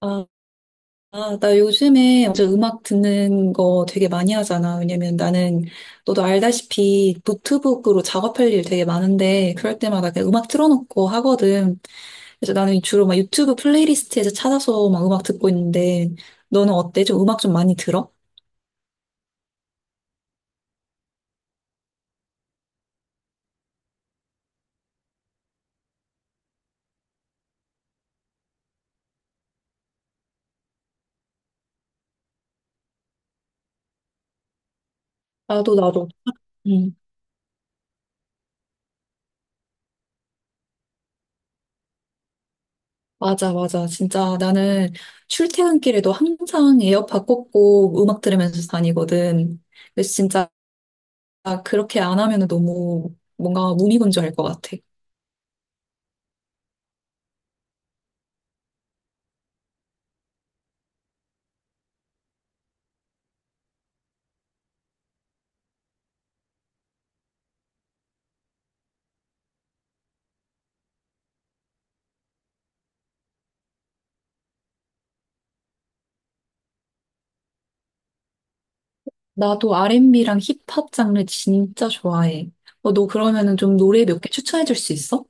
아, 아, 나 요즘에 진짜 음악 듣는 거 되게 많이 하잖아. 왜냐면 나는, 너도 알다시피 노트북으로 작업할 일 되게 많은데, 그럴 때마다 그냥 음악 틀어놓고 하거든. 그래서 나는 주로 막 유튜브 플레이리스트에서 찾아서 막 음악 듣고 있는데, 너는 어때? 좀 음악 좀 많이 들어? 나도, 나도. 음. 맞아, 맞아. 진짜 나는 출퇴근길에도 항상 에어팟 꽂고 음악 들으면서 다니거든. 그래서 진짜 그렇게 안 하면 너무 뭔가 무미건조할 것 같아. 나도 R&B랑 힙합 장르 진짜 좋아해. 어, 너 그러면은 좀 노래 몇 개 추천해 줄 수 있어?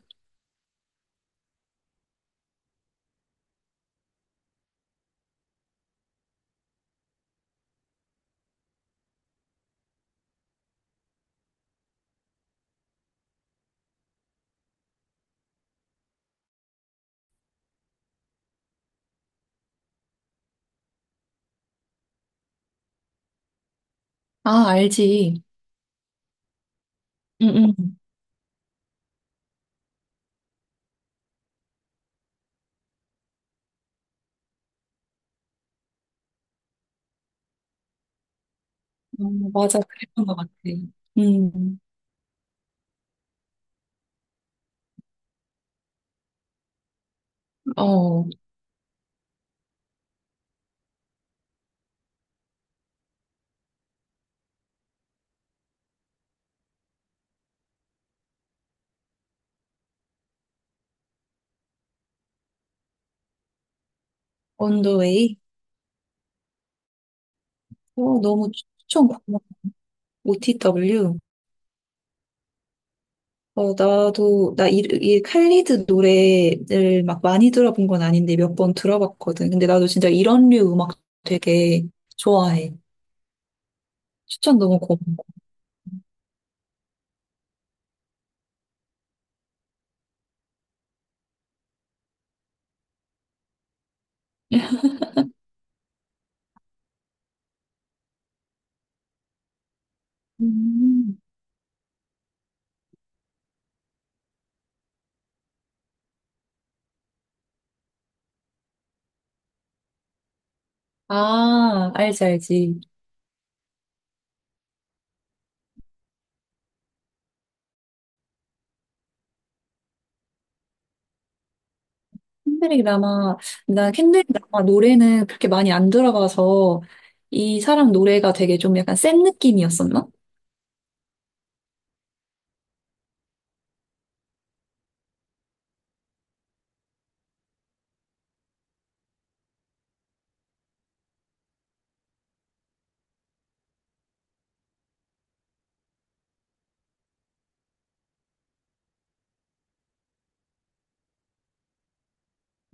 아, 알지. 응응. 어, 맞아, 그랬던 것 같아. 음, 어, 언더웨이. 어, 너무 추천 고마워. OTW. 어, 나도, 나 이 칼리드 노래를 막 많이 들어본 건 아닌데 몇 번 들어봤거든. 근데 나도 진짜 이런 류 음악 되게 좋아해. 추천 너무 고마워. 음. 아, 알지, 알지. 켄드릭 라마, 나 켄드릭 라마 노래는 그렇게 많이 안 들어봐서 이 사람 노래가 되게 좀 약간 센 느낌이었었나?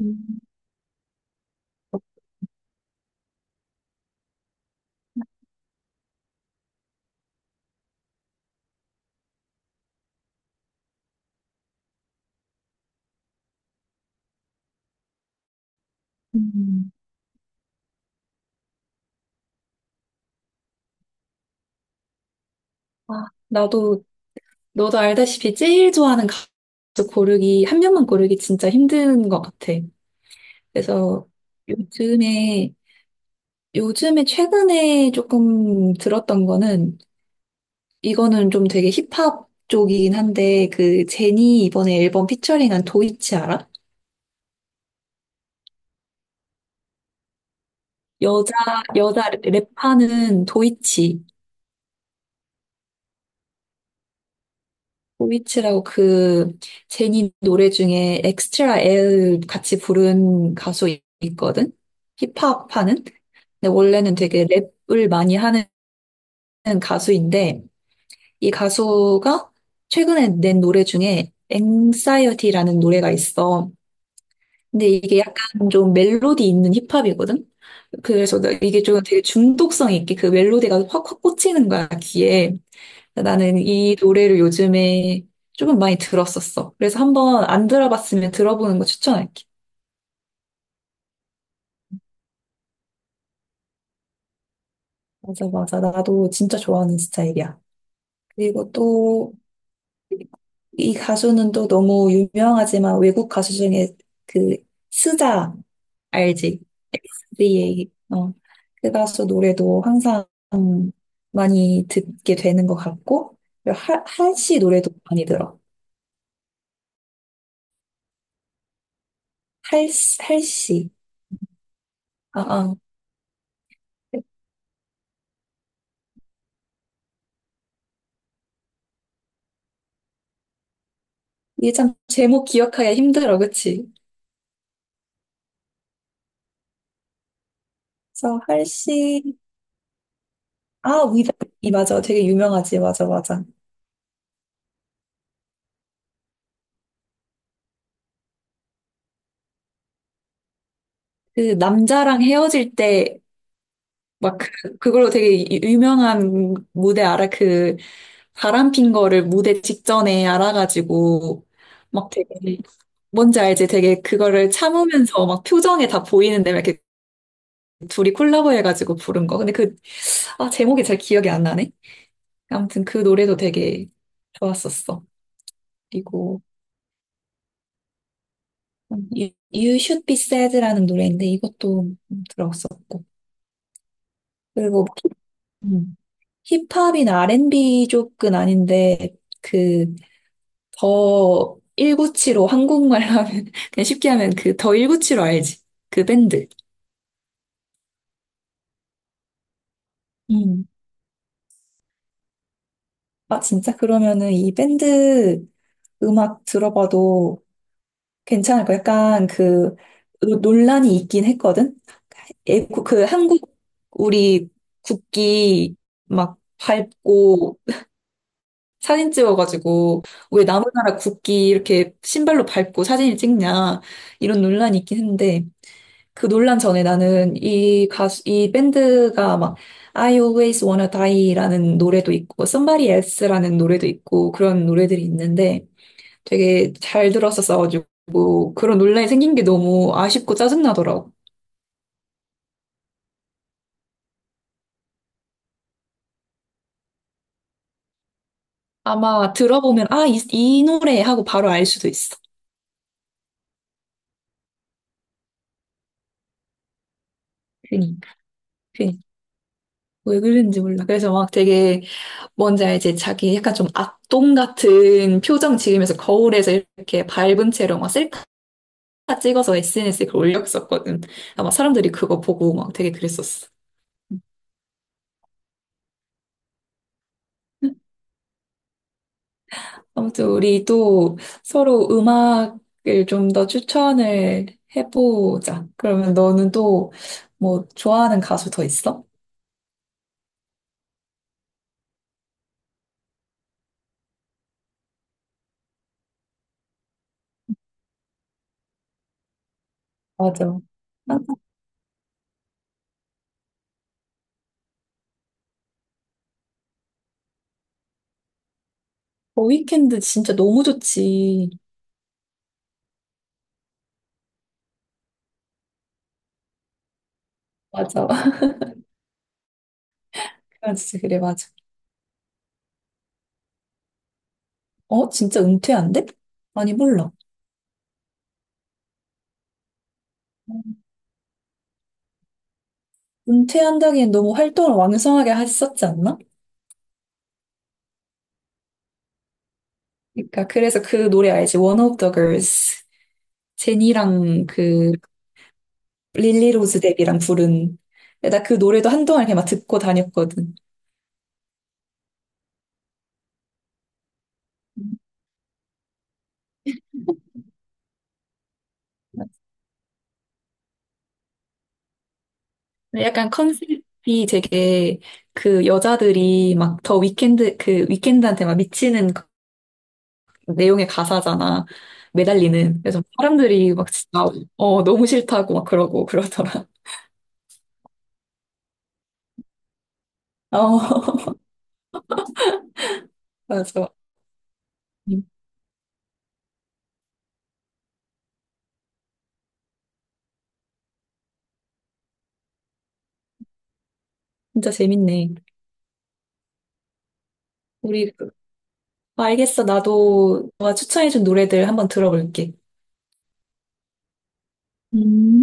음, 음. 아, 나도 너도 알다시피 제일 좋아하는 가수 고르기 한 명만 고르기 진짜 힘든 것 같아. 그래서 요즘에 요즘에 최근에 조금 들었던 거는 이거는 좀 되게 힙합 쪽이긴 한데 그 제니 이번에 앨범 피처링한 도이치 알아? 여자, 여자 랩하는 도이치. 도이치라고 그 제니 노래 중에 엑스트라 L 같이 부른 가수 있거든? 힙합 하는? 근데 원래는 되게 랩을 많이 하는 가수인데 이 가수가 최근에 낸 노래 중에 x 사이어티라는 노래가 있어. 근데 이게 약간 좀 멜로디 있는 힙합이거든? 그래서 나 이게 좀 되게 중독성 있게 그 멜로디가 확확 꽂히는 거야, 귀에. 나는 이 노래를 요즘에 조금 많이 들었었어. 그래서 한번 안 들어봤으면 들어보는 거 추천할게. 맞아, 맞아. 나도 진짜 좋아하는 스타일이야. 그리고 또, 이 가수는 또 너무 유명하지만 외국 가수 중에 그, 스자, 알지? SZA. 어. 그 가수 노래도 항상 많이 듣게 되는 것 같고, 그리고 할씨 노래도 많이 들어. 할, 할씨. 아, 아. 이게 참 제목 기억하기가 힘들어, 그치? 그래서 할시, 아, 위다이 맞아. 되게 유명하지. 맞아, 맞아. 그 남자랑 헤어질 때, 막, 그, 그걸로 되게 유명한 무대 알아? 그, 바람 핀 거를 무대 직전에 알아가지고, 막 되게, 뭔지 알지? 되게 그거를 참으면서 막 표정에 다 보이는데, 막 이렇게 둘이 콜라보 해가지고 부른 거. 근데 그, 아, 제목이 잘 기억이 안 나네? 아무튼 그 노래도 되게 좋았었어. 그리고, You Should Be Sad라는 노래인데 이것도 들었었고. 그리고 음, 힙합이나 R&B 쪽은 아닌데 그 더 1975 한국말 하면 그냥 쉽게 하면 그 더 1975 알지? 그 밴드. 음. 아 진짜 그러면은 이 밴드 음악 들어봐도 괜찮을 거 약간 그 논란이 있긴 했거든. 예, 그 한국 우리 국기 막 밟고 사진 찍어가지고 왜 남의 나라 국기 이렇게 신발로 밟고 사진을 찍냐 이런 논란이 있긴 했는데 그 논란 전에 나는 이 가수 이 밴드가 막 I Always Wanna Die라는 노래도 있고 Somebody Else라는 노래도 있고 그런 노래들이 있는데 되게 잘 들었었어가지고 그런 논란이 생긴 게 너무 아쉽고 짜증나더라고. 아마 들어보면 아, 이 노래 하고 바로 알 수도 있어. 괜히. 왜 그랬는지 몰라. 그래서 막 되게 뭔지 알지? 자기 약간 좀 악동 같은 표정 지으면서 거울에서 이렇게 밟은 채로 막 셀카 찍어서 SNS에 그걸 올렸었거든. 아마 사람들이 그거 보고 막 되게 그랬었어. 아무튼 우리 또 서로 음악을 좀 더 추천을 해보자. 그러면 너는 또 뭐 좋아하는 가수 더 있어? 맞아. 항상 더 위켄드 진짜 너무 좋지. 맞아. 그래, 진짜 그래, 맞아. 어? 진짜 은퇴한대? 아니, 몰라. 은퇴한다기엔 너무 활동을 왕성하게 했었지 않나? 그러니까 그래서 그 노래 알지? One of the Girls. 제니랑 그 릴리 로즈 뎁이랑 부른. 나 그 노래도 한동안 그냥 막 듣고 다녔거든. 근데 약간 컨셉이 되게 그 여자들이 막 더 위켄드 그 위켄드한테 막 미치는 그 내용의 가사잖아. 매달리는. 그래서 사람들이 막 진짜 어 너무 싫다고 막 그러고 그러더라. 어. 맞아. 음, 진짜 재밌네. 우리, 알겠어. 나도 너가 추천해준 노래들 한번 들어볼게. 음.